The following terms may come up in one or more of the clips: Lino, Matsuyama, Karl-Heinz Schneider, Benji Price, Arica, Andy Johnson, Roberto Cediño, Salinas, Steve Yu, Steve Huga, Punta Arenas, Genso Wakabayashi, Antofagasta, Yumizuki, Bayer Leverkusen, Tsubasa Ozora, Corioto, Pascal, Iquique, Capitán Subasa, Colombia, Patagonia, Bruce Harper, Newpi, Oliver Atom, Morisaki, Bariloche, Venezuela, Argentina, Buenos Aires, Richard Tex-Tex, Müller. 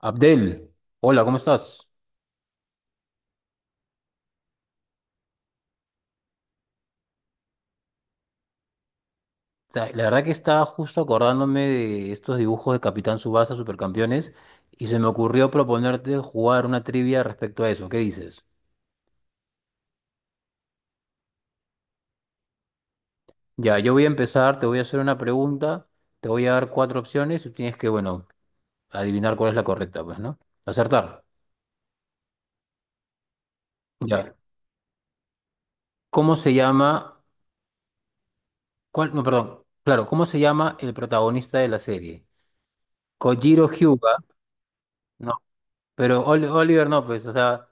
Abdel, hola, ¿cómo estás? O sea, la verdad que estaba justo acordándome de estos dibujos de Capitán Subasa Supercampeones, y se me ocurrió proponerte jugar una trivia respecto a eso. ¿Qué dices? Ya, yo voy a empezar, te voy a hacer una pregunta, te voy a dar cuatro opciones y tú tienes que, bueno, adivinar cuál es la correcta, pues, ¿no? Acertar. Ya. ¿Cómo se llama? ¿Cuál? No, perdón. Claro, ¿cómo se llama el protagonista de la serie? Kojiro Hyuga. Pero Oliver no, pues, o sea,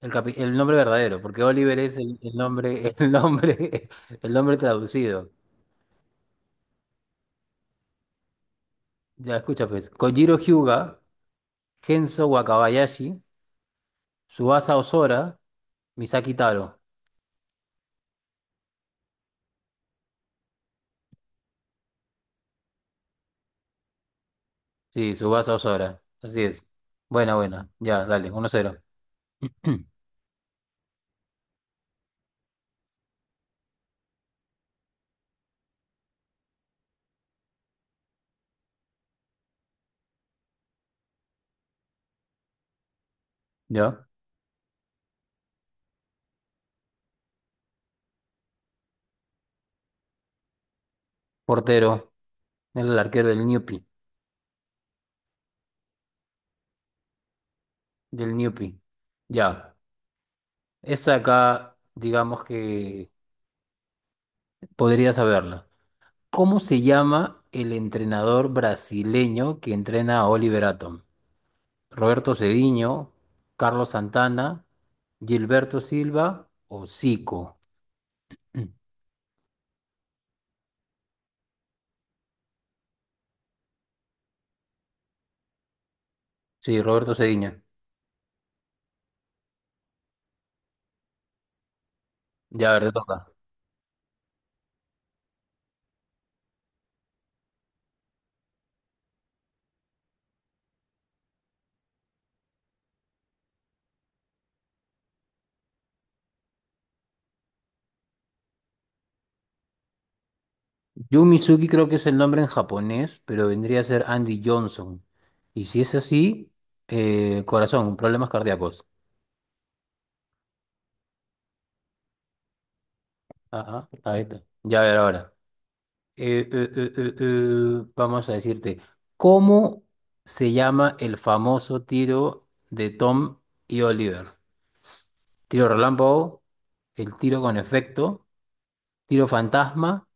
el nombre verdadero, porque Oliver es el nombre, el nombre, traducido. Ya, escucha, pues, Kojiro Hyuga, Genso Wakabayashi, Tsubasa Ozora, Misaki Taro. Sí, Tsubasa Ozora, así es. Buena, buena, ya, dale, 1-0. Ya, portero, el arquero del Newpi. Ya, esta acá, digamos que podría saberla. ¿Cómo se llama el entrenador brasileño que entrena a Oliver Atom? ¿Roberto Cediño, Carlos Santana, Gilberto Silva o Zico? Mm. Sí, Roberto Cediño. Ya, a ver, te toca. Yumizuki creo que es el nombre en japonés, pero vendría a ser Andy Johnson. Y si es así, corazón, problemas cardíacos. Ajá, ahí está. Ya, a ver ahora. Vamos a decirte, ¿cómo se llama el famoso tiro de Tom y Oliver? Tiro relámpago, el tiro con efecto, tiro fantasma,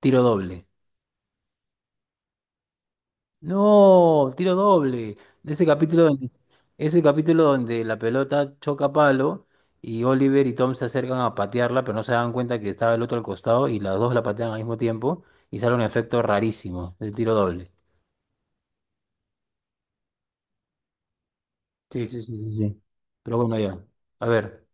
tiro doble. No, tiro doble. Ese capítulo donde, ese capítulo donde la pelota choca palo y Oliver y Tom se acercan a patearla, pero no se dan cuenta que estaba el otro al costado y las dos la patean al mismo tiempo y sale un efecto rarísimo, el tiro doble. Sí, sí, sí, sí, sí. Pero bueno, ya. A ver,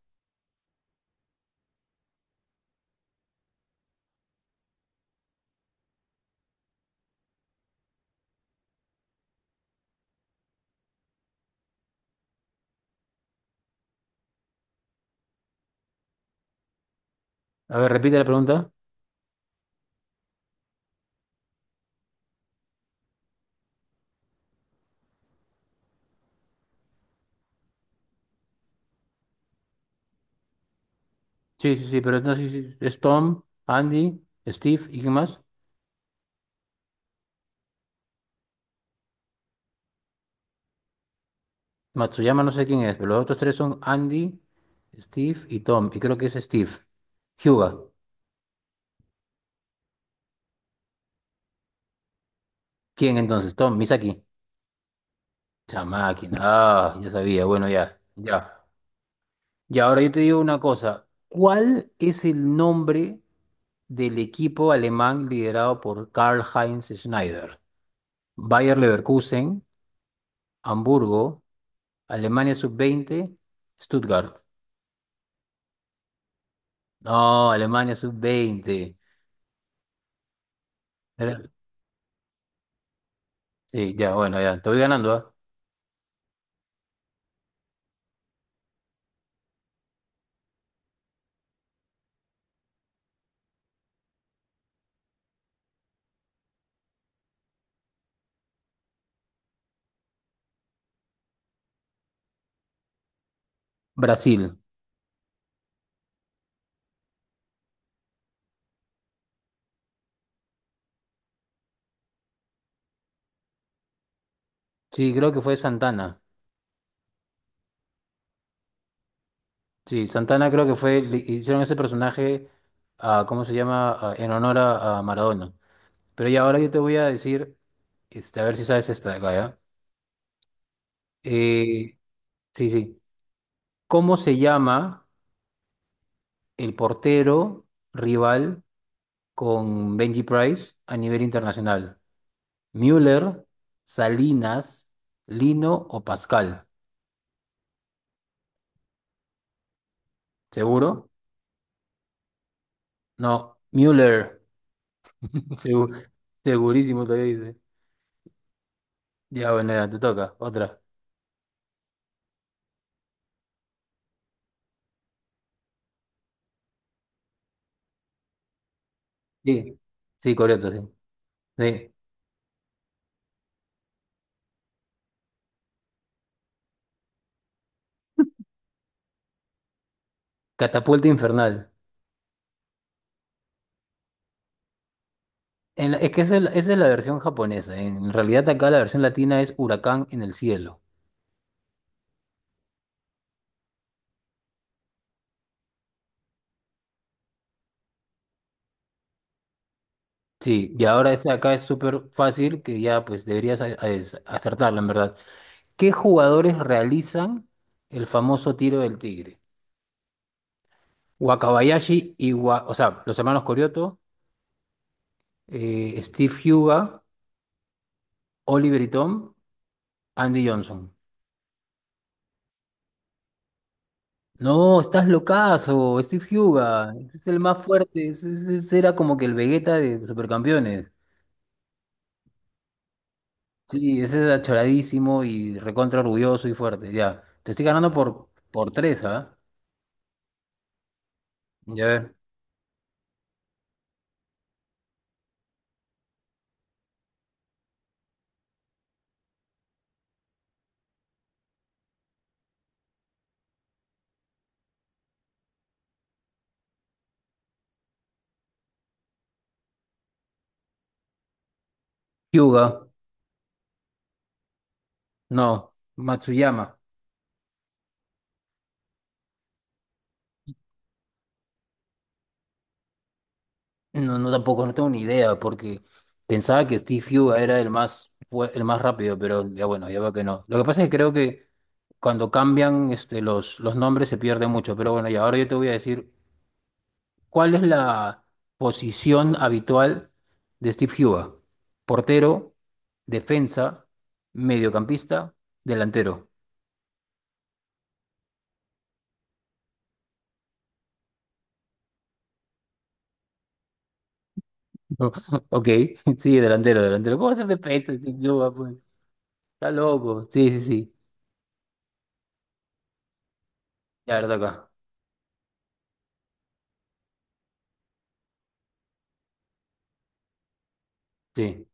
a ver, repite la pregunta. Sí, sí, sí, pero no, sí, sí. Es Tom, Andy, Steve y quién más. Matsuyama no sé quién es, pero los otros tres son Andy, Steve y Tom. Y creo que es Steve. Hyuga. ¿Quién entonces? Tom, Misaki. Chamaki. Ah, ya sabía. Bueno, ya. Ya. Y ahora yo te digo una cosa. ¿Cuál es el nombre del equipo alemán liderado por Karl-Heinz Schneider? Bayer Leverkusen, Hamburgo. Alemania sub-20, Stuttgart. No, Alemania sub-20. Era- sí, ya, bueno, ya, te voy ganando, ¿ah? Brasil. Sí, creo que fue Santana. Sí, Santana creo que fue, le hicieron ese personaje, a, ¿cómo se llama? A- en honor a Maradona. Pero ya, ahora yo te voy a decir, este, a ver si sabes esta de acá, ¿ya? Eh, sí, sí. ¿Cómo se llama el portero rival con Benji Price a nivel internacional? Müller, Salinas, Lino o Pascal. ¿Seguro? No, Müller. Segu- segurísimo todavía dice. Ya, bueno, ya, te toca. Otra. Sí. Sí, correcto, sí. Sí. Catapulta infernal. Es que esa es la versión japonesa. En realidad acá la versión latina es huracán en el cielo. Sí, y ahora esta de acá es súper fácil que ya pues deberías acertarla, en verdad. ¿Qué jugadores realizan el famoso tiro del tigre? Wakabayashi y o sea, los hermanos Corioto, Steve Huga, Oliver y Tom, Andy Johnson. No, estás locazo, Steve Huga, es el más fuerte, ese era como que el Vegeta de Supercampeones. Sí, ese era choradísimo y recontra orgulloso y fuerte, ya. Te estoy ganando por, tres, ¿ah? Ya ver. Hyuga, no, Matsuyama. No, no tampoco, no tengo ni idea, porque pensaba que Steve Yu era el más, fue el más rápido, pero ya bueno, ya veo que no. Lo que pasa es que creo que cuando cambian este, los nombres se pierde mucho, pero bueno, y ahora yo te voy a decir, ¿cuál es la posición habitual de Steve Yu? Portero, defensa, mediocampista, delantero. Ok, sí, delantero, delantero. ¿Cómo va a ser defensa Steve Yu? ¿Pues? Está loco. Sí, sí, sí. Ya, verdad acá. Sí.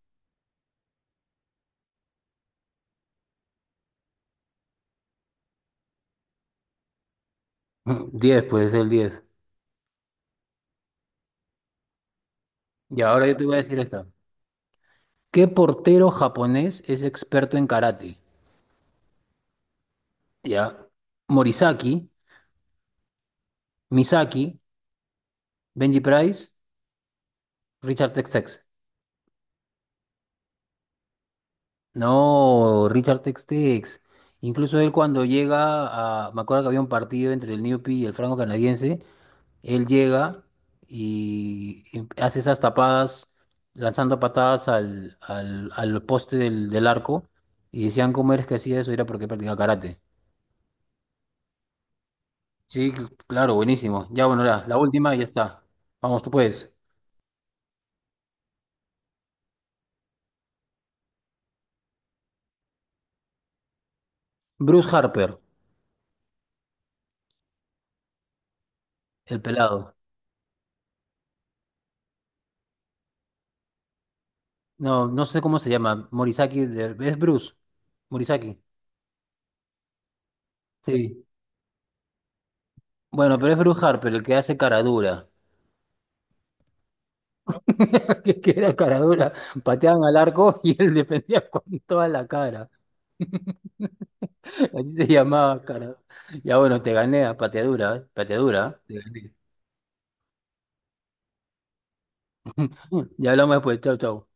10, pues el 10. Y ahora yo te voy a decir esta. ¿Qué portero japonés es experto en karate? Ya. Morisaki, Misaki, Benji Price, Richard Tex-Tex. No, Richard Tex-Tex. Incluso él cuando llega a... Me acuerdo que había un partido entre el Newpi y el franco canadiense. Él llega y hace esas tapadas, lanzando patadas al poste del arco. Y decían, ¿cómo eres que hacía eso? Era porque practicaba karate. Sí, claro, buenísimo. Ya, bueno, la última y ya está. Vamos, tú puedes. Bruce Harper, el pelado. No, no sé cómo se llama. Morisaki, es Bruce. Morisaki. Sí. Bueno, pero es Bruce Harper, el que hace cara dura. Que era cara dura. Pateaban al arco y él defendía con toda la cara. Así se llamaba cara. Ya, bueno, te gané a pateadura, ¿eh? Pateadura. ¿Eh? Te gané. Ya hablamos después. Chau, chau.